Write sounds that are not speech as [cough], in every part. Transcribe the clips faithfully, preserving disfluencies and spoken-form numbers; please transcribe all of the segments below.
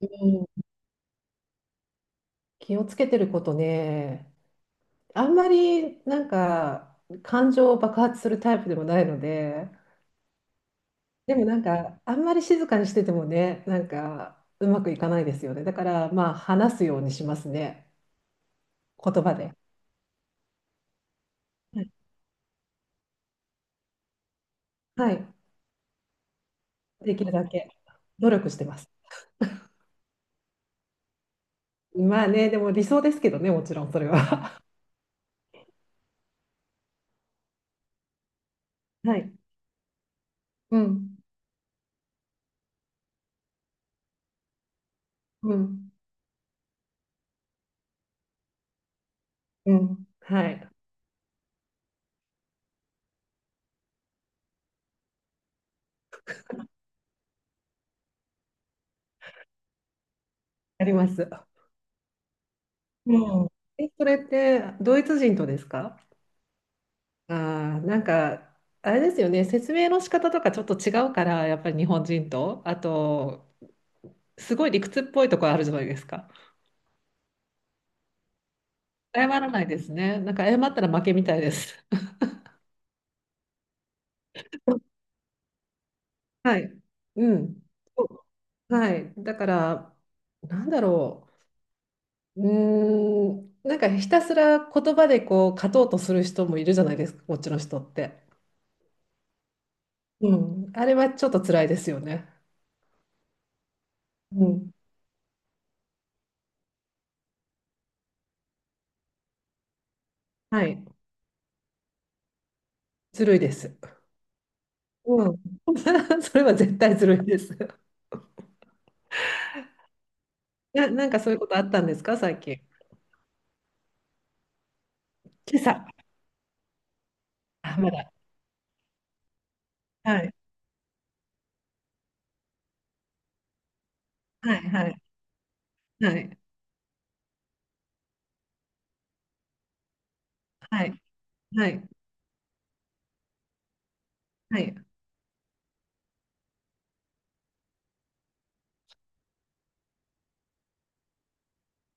うん。気をつけてることね、あんまりなんか感情を爆発するタイプでもないので、でもなんかあんまり静かにしててもね、なんかうまくいかないですよね。だからまあ話すようにしますね、言葉で。はい、はい、できるだけ努力してます。まあね、でも理想ですけどね、もちろんそれは。[laughs] はい。うん、うん、うん。はい。あります。うん。え、それってドイツ人とですか？ああ、なんか、あれですよね、説明の仕方とかちょっと違うから、やっぱり日本人と、あと、すごい理屈っぽいところあるじゃないですか。謝らないですね。なんか謝ったら負けみたいです。[laughs] はい。うん。そう、はい。だから、なんだろう。うーん、なんかひたすら言葉でこう勝とうとする人もいるじゃないですか、こっちの人って。うん。あれはちょっと辛いですよね。うん。はい。ずるいです。うん。[laughs] それは絶対ずるいです。[laughs] な、なんかそういうことあったんですか、最近。今朝。あ、まだ。はい。はい。はい。はい。はい。はい。はい。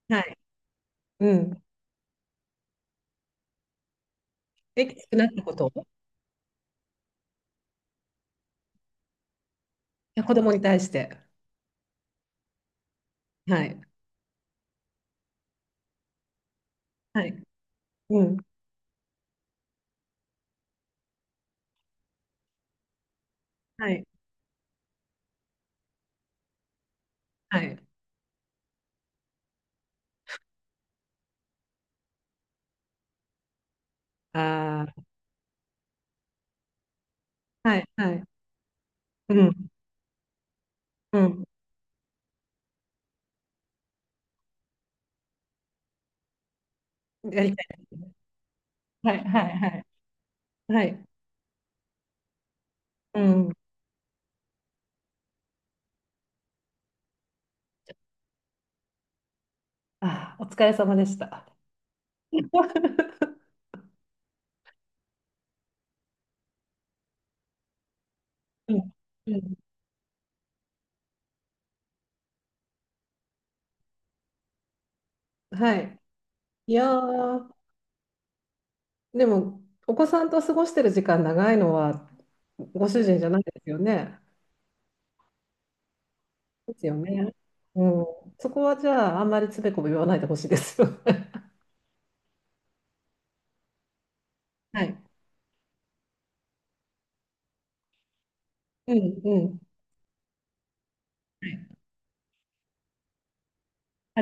はい。うん。え、きつくなったこといや子供に対して。はい。はい。うん。はい。はい。ああ。はい。はい。うん。うん。やりたい。はい。はい。はい。はい。うん。ああ、お疲れ様でした。[laughs] うん。うん。はい。いやー、でも、お子さんと過ごしてる時間長いのは、ご主人じゃないですよね。ですよね。うん。そこはじゃあ、あんまりつべこべ言わないでほしいですよね。[laughs] はい。うんうん。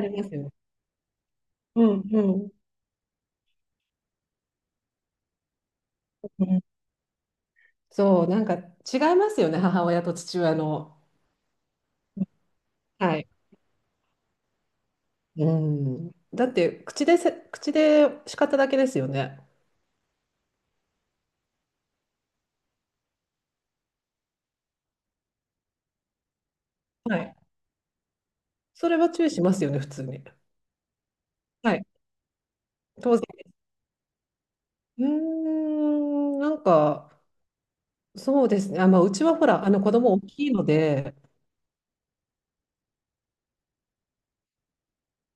ありますよ。うんうん。うん、そう、なんか違いますよね、母親と父親の。はい。うん。だって、口でせ、口で叱っただけですよね。はい。それは注意しますよね、普通に。はい。当然。うーん、なんか、そうですね。あ、まあ、うちはほら、あの子供大きいので、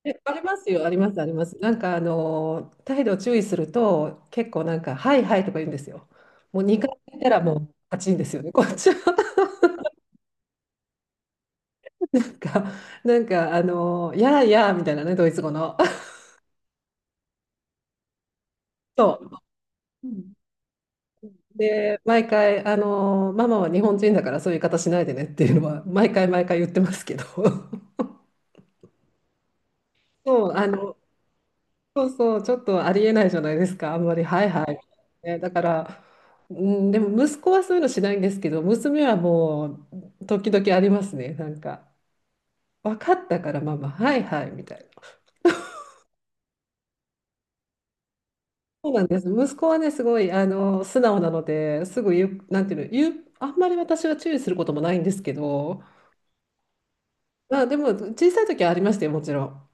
え、ありますよ、あります、あります。なんか、あの、態度を注意すると、結構なんか、はいはいとか言うんですよ。もうにかい言ったらもう、パチンですよね。[laughs] こっちはなんか、なんか、あの、やあやあみたいなね、ドイツ語の。[laughs] そう。うんで、毎回、あの、ママは日本人だからそういう言い方しないでねっていうのは、毎回毎回言ってますけど。[laughs] そう、あの、そうそう、ちょっとありえないじゃないですか、あんまり、はいはい。ね、だから、うん、でも息子はそういうのしないんですけど、娘はもう、時々ありますね、なんか、分かったから、ママ、はいはいみたいな。そうなんです、息子はね、すごいあの素直なので、すぐ言う、なんていうの、言う、あんまり私は注意することもないんですけど、まあ、でも、小さい時はありましたよ、もちろん。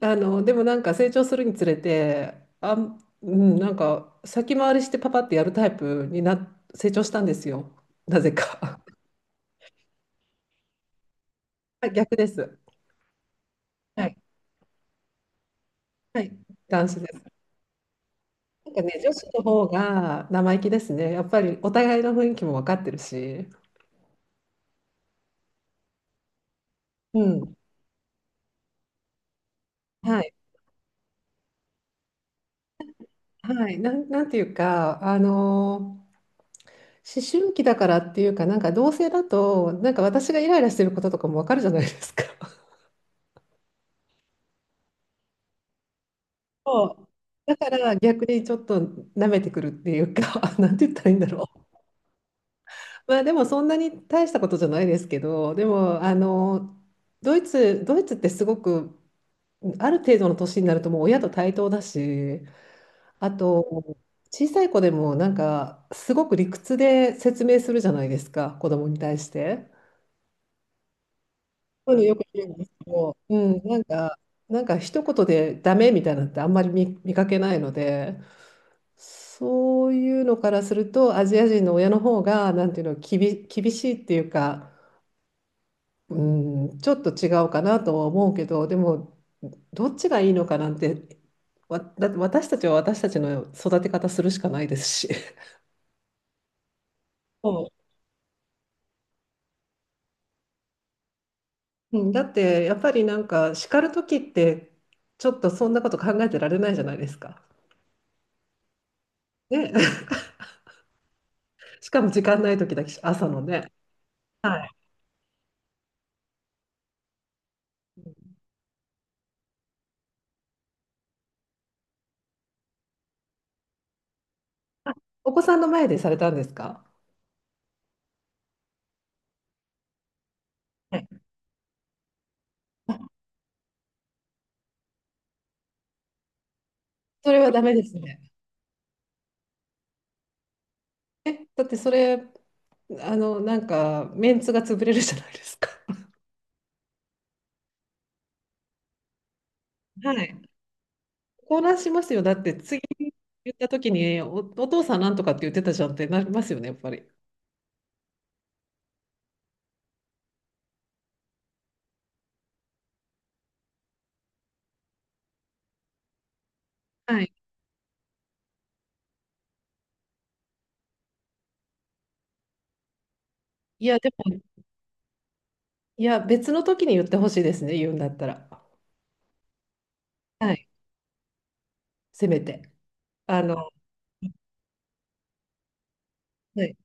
あの、でもなんか成長するにつれて、あん、うん、なんか先回りしてパパってやるタイプにな、成長したんですよ。なぜか。[laughs] あ、逆です。はい。はい。男子です。なんかね、女子の方が生意気ですね。やっぱりお互いの雰囲気も分かってるし。うん。はい。はい。なん、なんていうか、あのー思春期だからっていうか、なんか同性だと、なんか私がイライラしてることとかも分かるじゃないですか。そう、だから逆にちょっと舐めてくるっていうか [laughs] なんて言ったらいいんだろう。まあでもそんなに大したことじゃないですけど、でもあのドイツ、ドイツってすごくある程度の年になるともう親と対等だし、あと小さい子でもなんかすごく理屈で説明するじゃないですか、子供に対して。そういうのよく言うんですけど、うん、なんか、なんか一言でダメみたいなのってあんまり見、見かけないので。そういうのからすると、アジア人の親の方が、なんていうの、きび、厳しいっていうか、うん、ちょっと違うかなとは思うけど、でも、どっちがいいのかなんて、わ、だって私たちは私たちの育て方するしかないですし。うんだって、やっぱりなんか、叱る時って、ちょっとそんなこと考えてられないじゃないですか。ね。[laughs] しかも時間ない時だし、朝のね。はい。あ、お子さんの前でされたんですかはいそれはダメですね。え、だってそれ、あの、なんか、メンツが潰れるじゃないですか。はい。混乱しますよ。だって、次言った時にお、お父さんなんとかって言ってたじゃんってなりますよね、やっぱり。はい。いや、でも、いや、別の時に言ってほしいですね、言うんだったら。はい。せめて。あの、はい。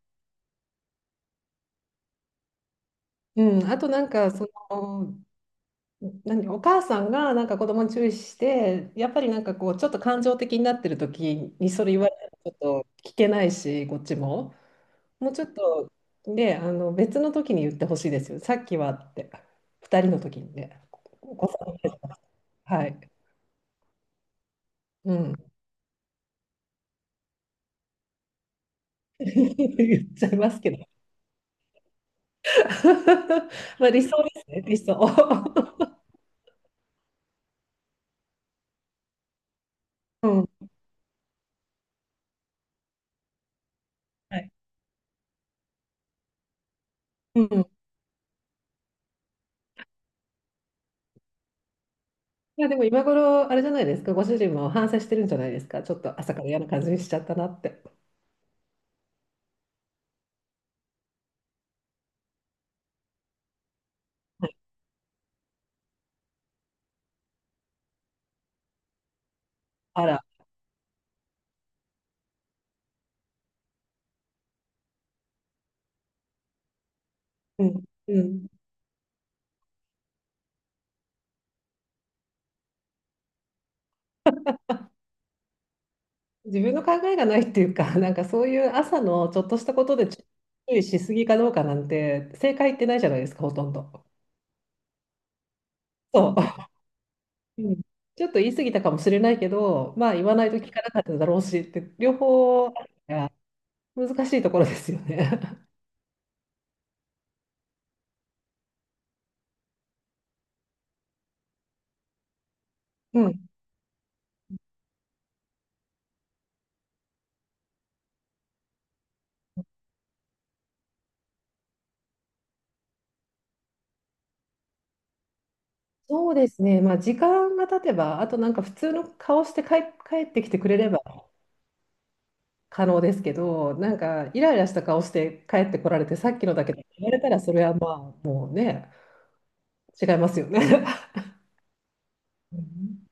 うん、あとなんか、その、何、お母さんがなんか子供に注意して、やっぱりなんかこう、ちょっと感情的になってる時にそれ言われたらちょっと聞けないし、こっちも。もうちょっとね、あの別の時に言ってほしいですよ。さっきはって、ふたりの時にね、お子さん、はい、うん、[laughs] 言っちゃいますけど、[laughs] まあ理想ですね、理想。[laughs] うん、はい、うん。いやでも今頃、あれじゃないですか、ご主人も反省してるんじゃないですか、ちょっと朝から嫌な感じにしちゃったなって。はい。あら、うん、うん。自分の考えがないっていうか、[laughs] なんかそういう朝のちょっとしたことで注意しすぎかどうかなんて、正解ってないじゃないですか、ほとんど。そう、うんちょっと言い過ぎたかもしれないけど、まあ言わないと聞かなかっただろうしって、両方あるから難しいところですよね。[laughs] うん、そうですね、まあ時間が経てば、あとなんか普通の顔して帰、帰ってきてくれれば可能ですけど、なんかイライラした顔して帰ってこられて、さっきのだけど言われたら、それはまあね、違いますよね。[laughs] うん